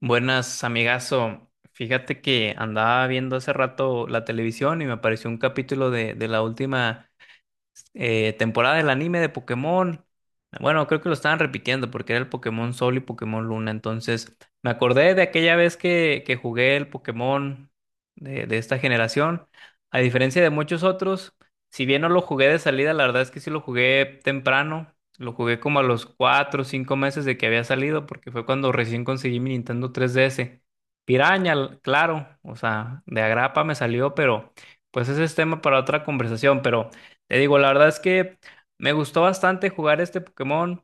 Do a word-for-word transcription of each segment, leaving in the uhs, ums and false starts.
Buenas, amigazo. Fíjate que andaba viendo hace rato la televisión y me apareció un capítulo de, de la última eh, temporada del anime de Pokémon. Bueno, creo que lo estaban repitiendo porque era el Pokémon Sol y Pokémon Luna. Entonces, me acordé de aquella vez que, que jugué el Pokémon de, de esta generación. A diferencia de muchos otros, si bien no lo jugué de salida, la verdad es que sí lo jugué temprano. Lo jugué como a los cuatro o cinco meses de que había salido porque fue cuando recién conseguí mi Nintendo tres D S. Piraña, l- claro, o sea, de agrapa me salió, pero pues ese es tema para otra conversación, pero... Te digo, la verdad es que me gustó bastante jugar este Pokémon.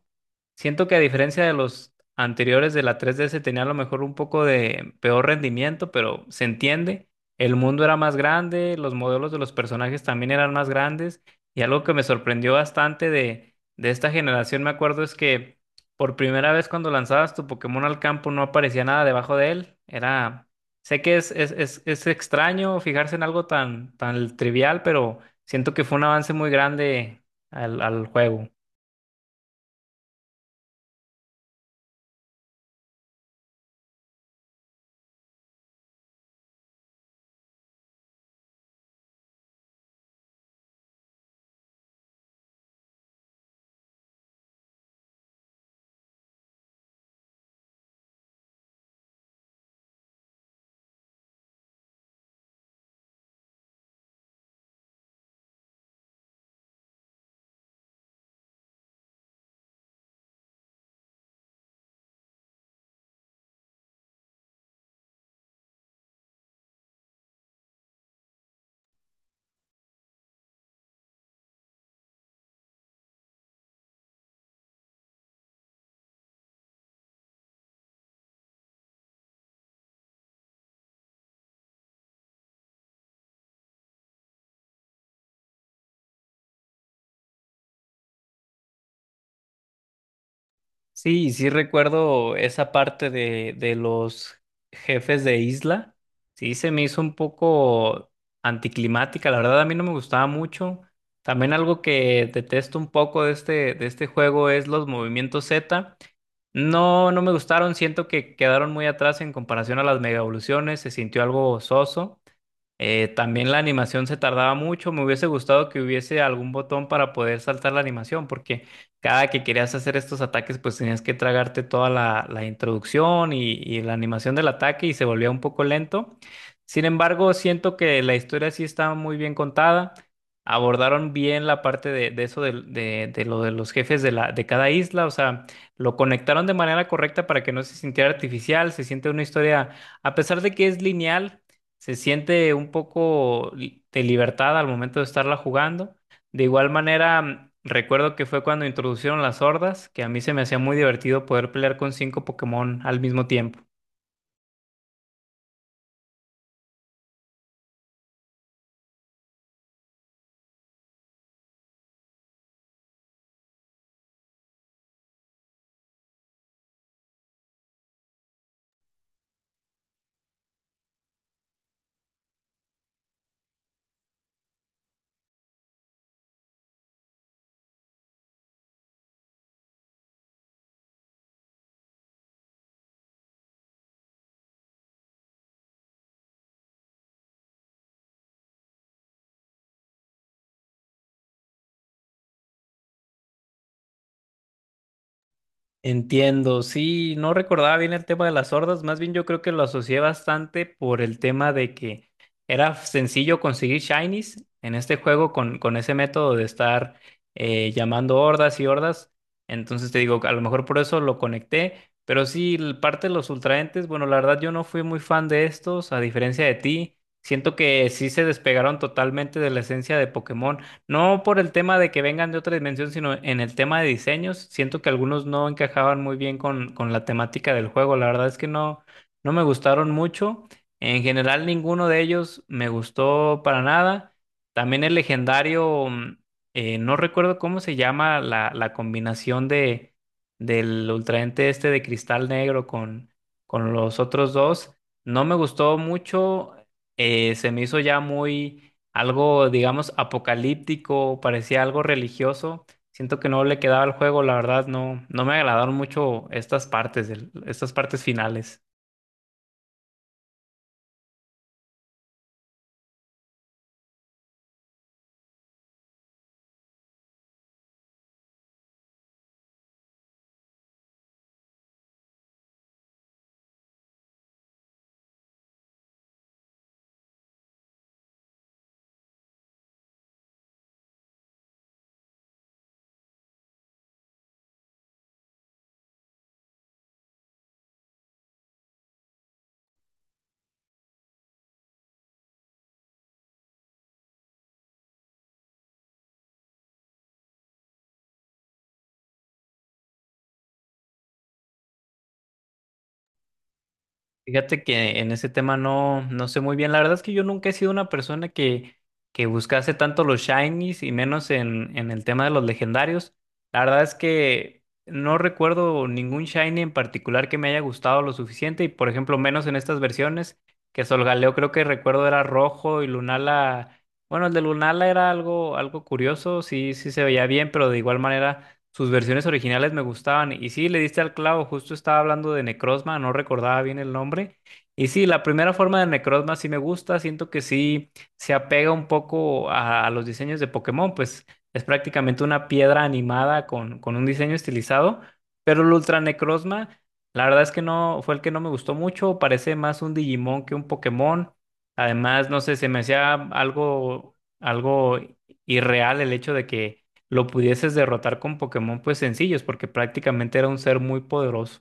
Siento que a diferencia de los anteriores de la tres D S tenía a lo mejor un poco de peor rendimiento, pero se entiende. El mundo era más grande, los modelos de los personajes también eran más grandes y algo que me sorprendió bastante de, de esta generación, me acuerdo, es que por primera vez cuando lanzabas tu Pokémon al campo no aparecía nada debajo de él. Era, sé que es, es, es, es extraño fijarse en algo tan, tan trivial, pero siento que fue un avance muy grande al, al juego. Sí, sí recuerdo esa parte de, de los jefes de isla. Sí, se me hizo un poco anticlimática. La verdad, a mí no me gustaba mucho. También algo que detesto un poco de este, de este juego es los movimientos Z. No, no me gustaron. Siento que quedaron muy atrás en comparación a las mega evoluciones. Se sintió algo soso. Eh, también la animación se tardaba mucho, me hubiese gustado que hubiese algún botón para poder saltar la animación, porque cada que querías hacer estos ataques, pues tenías que tragarte toda la, la introducción y, y la animación del ataque y se volvía un poco lento. Sin embargo, siento que la historia sí está muy bien contada, abordaron bien la parte de, de eso del- de, de lo de los jefes de, la, de cada isla, o sea, lo conectaron de manera correcta para que no se sintiera artificial, se siente una historia, a pesar de que es lineal se siente un poco li- de libertad al momento de estarla jugando. De igual manera, mm, recuerdo que fue cuando introducieron las hordas, que a mí se me hacía muy divertido poder pelear con cinco Pokémon al mismo tiempo. Entiendo, sí, no recordaba bien el tema de las hordas, más bien yo creo que lo asocié bastante por el tema de que era sencillo conseguir shinies en este juego con, con ese método de estar eh, llamando hordas y hordas, entonces te digo, a lo mejor por eso lo conecté, pero sí, el- parte de los ultraentes, bueno, la verdad yo no fui muy fan de estos, a diferencia de ti, siento que sí se despegaron totalmente de la esencia de Pokémon. No por el tema de que vengan de otra dimensión, sino en el tema de diseños. Siento que algunos no encajaban muy bien con, con la temática del juego. La verdad es que no, no me gustaron mucho. En general, ninguno de ellos me gustó para nada. También el legendario, mm, eh, no recuerdo cómo se llama la, la combinación de, del ultraente este de cristal negro con, con los otros dos. No me gustó mucho. Eh, se me hizo ya muy algo, digamos, apocalíptico, parecía algo religioso. Siento que no le quedaba al juego, la verdad, no, no me agradaron mucho estas partes, del- estas partes finales. Fíjate que en ese tema no, no sé muy bien. La verdad es que yo nunca he sido una persona que, que buscase tanto los shinies y menos en, en el tema de los legendarios. La verdad es que no recuerdo ningún shiny en particular que me haya gustado lo suficiente y, por ejemplo, menos en estas versiones, que Solgaleo creo que recuerdo era rojo y Lunala, bueno, el de Lunala era algo, algo curioso, sí, sí se veía bien, pero de igual manera... Sus versiones originales me gustaban. Y sí, le diste al clavo, justo estaba hablando de Necrozma, no recordaba bien el nombre. Y sí, la primera forma de Necrozma sí me gusta, siento que sí se apega un poco a, a los diseños de Pokémon, pues es prácticamente una piedra animada con, con un diseño estilizado, pero el Ultra Necrozma, la verdad es que no, fue el que no me gustó mucho, parece más un Digimon que un Pokémon. Además, no sé, se me hacía algo, algo irreal el hecho de que lo pudieses derrotar con Pokémon pues sencillos, porque prácticamente era un ser muy poderoso.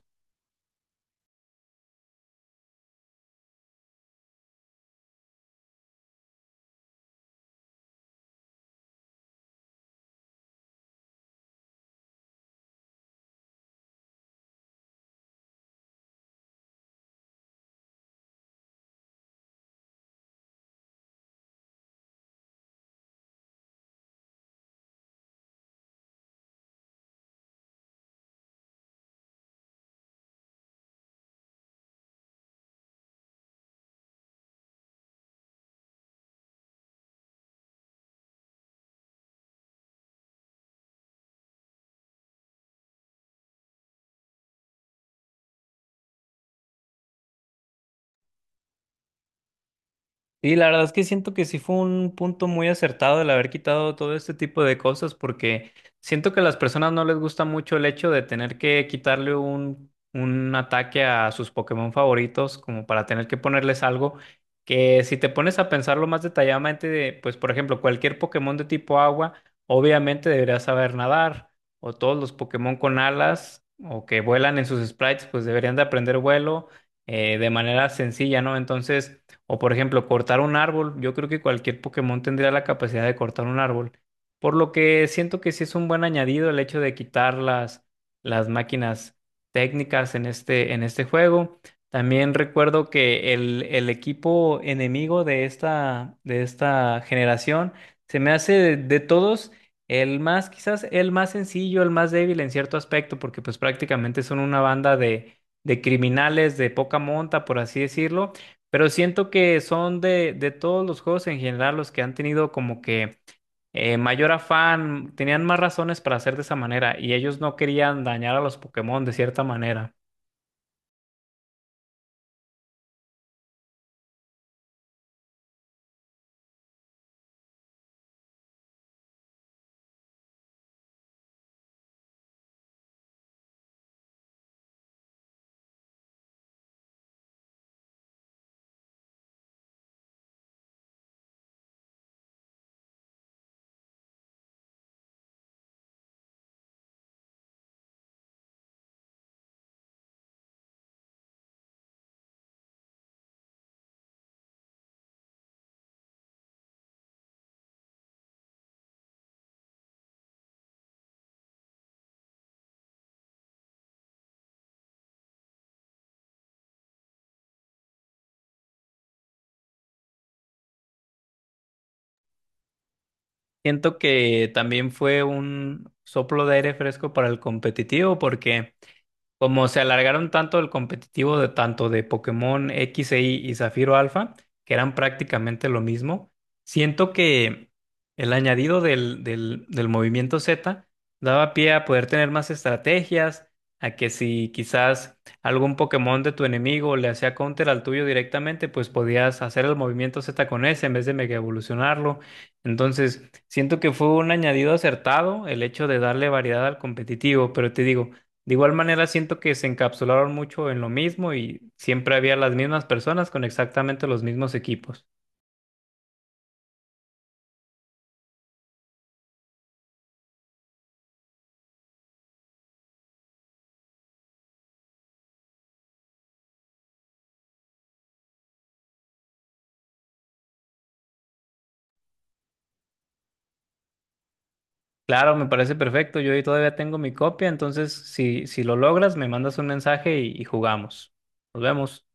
Y la verdad es que siento que sí fue un punto muy acertado el haber quitado todo este tipo de cosas, porque siento que a las personas no les gusta mucho el hecho de tener que quitarle un, un ataque a sus Pokémon favoritos, como para tener que ponerles algo que si te pones a pensarlo más detalladamente, de, pues por ejemplo, cualquier Pokémon de tipo agua, obviamente debería saber nadar, o todos los Pokémon con alas o que vuelan en sus sprites, pues deberían de aprender vuelo eh, de manera sencilla, ¿no? Entonces... O por ejemplo, cortar un árbol. Yo creo que cualquier Pokémon tendría la capacidad de cortar un árbol. Por lo que siento que sí es un buen añadido el hecho de quitar las, las máquinas técnicas en este, en este juego. También recuerdo que el, el equipo enemigo de esta, de esta generación se me hace de, de todos el más, quizás el más sencillo, el más débil en cierto aspecto, porque pues prácticamente son una banda de, de criminales de poca monta, por así decirlo, pero siento que son de, de todos los juegos en general los que han tenido como que eh, mayor afán, tenían más razones para hacer de esa manera y ellos no querían dañar a los Pokémon de cierta manera. Siento que también fue un soplo de aire fresco para el competitivo porque como se alargaron tanto el competitivo de tanto de Pokémon X e Y y Zafiro Alfa, que eran prácticamente lo mismo, siento que el añadido del, del, del movimiento Z daba pie a poder tener más estrategias, a que si quizás algún Pokémon de tu enemigo le hacía counter al tuyo directamente, pues podías hacer el movimiento Z con ese en vez de mega evolucionarlo. Entonces, siento que fue un añadido acertado el hecho de darle variedad al competitivo, pero te digo, de igual manera, siento que se encapsularon mucho en lo mismo y siempre había las mismas personas con exactamente los mismos equipos. Claro, me parece perfecto. Yo ahí todavía tengo mi copia, entonces si, si lo logras, me mandas un mensaje y, y jugamos. Nos vemos.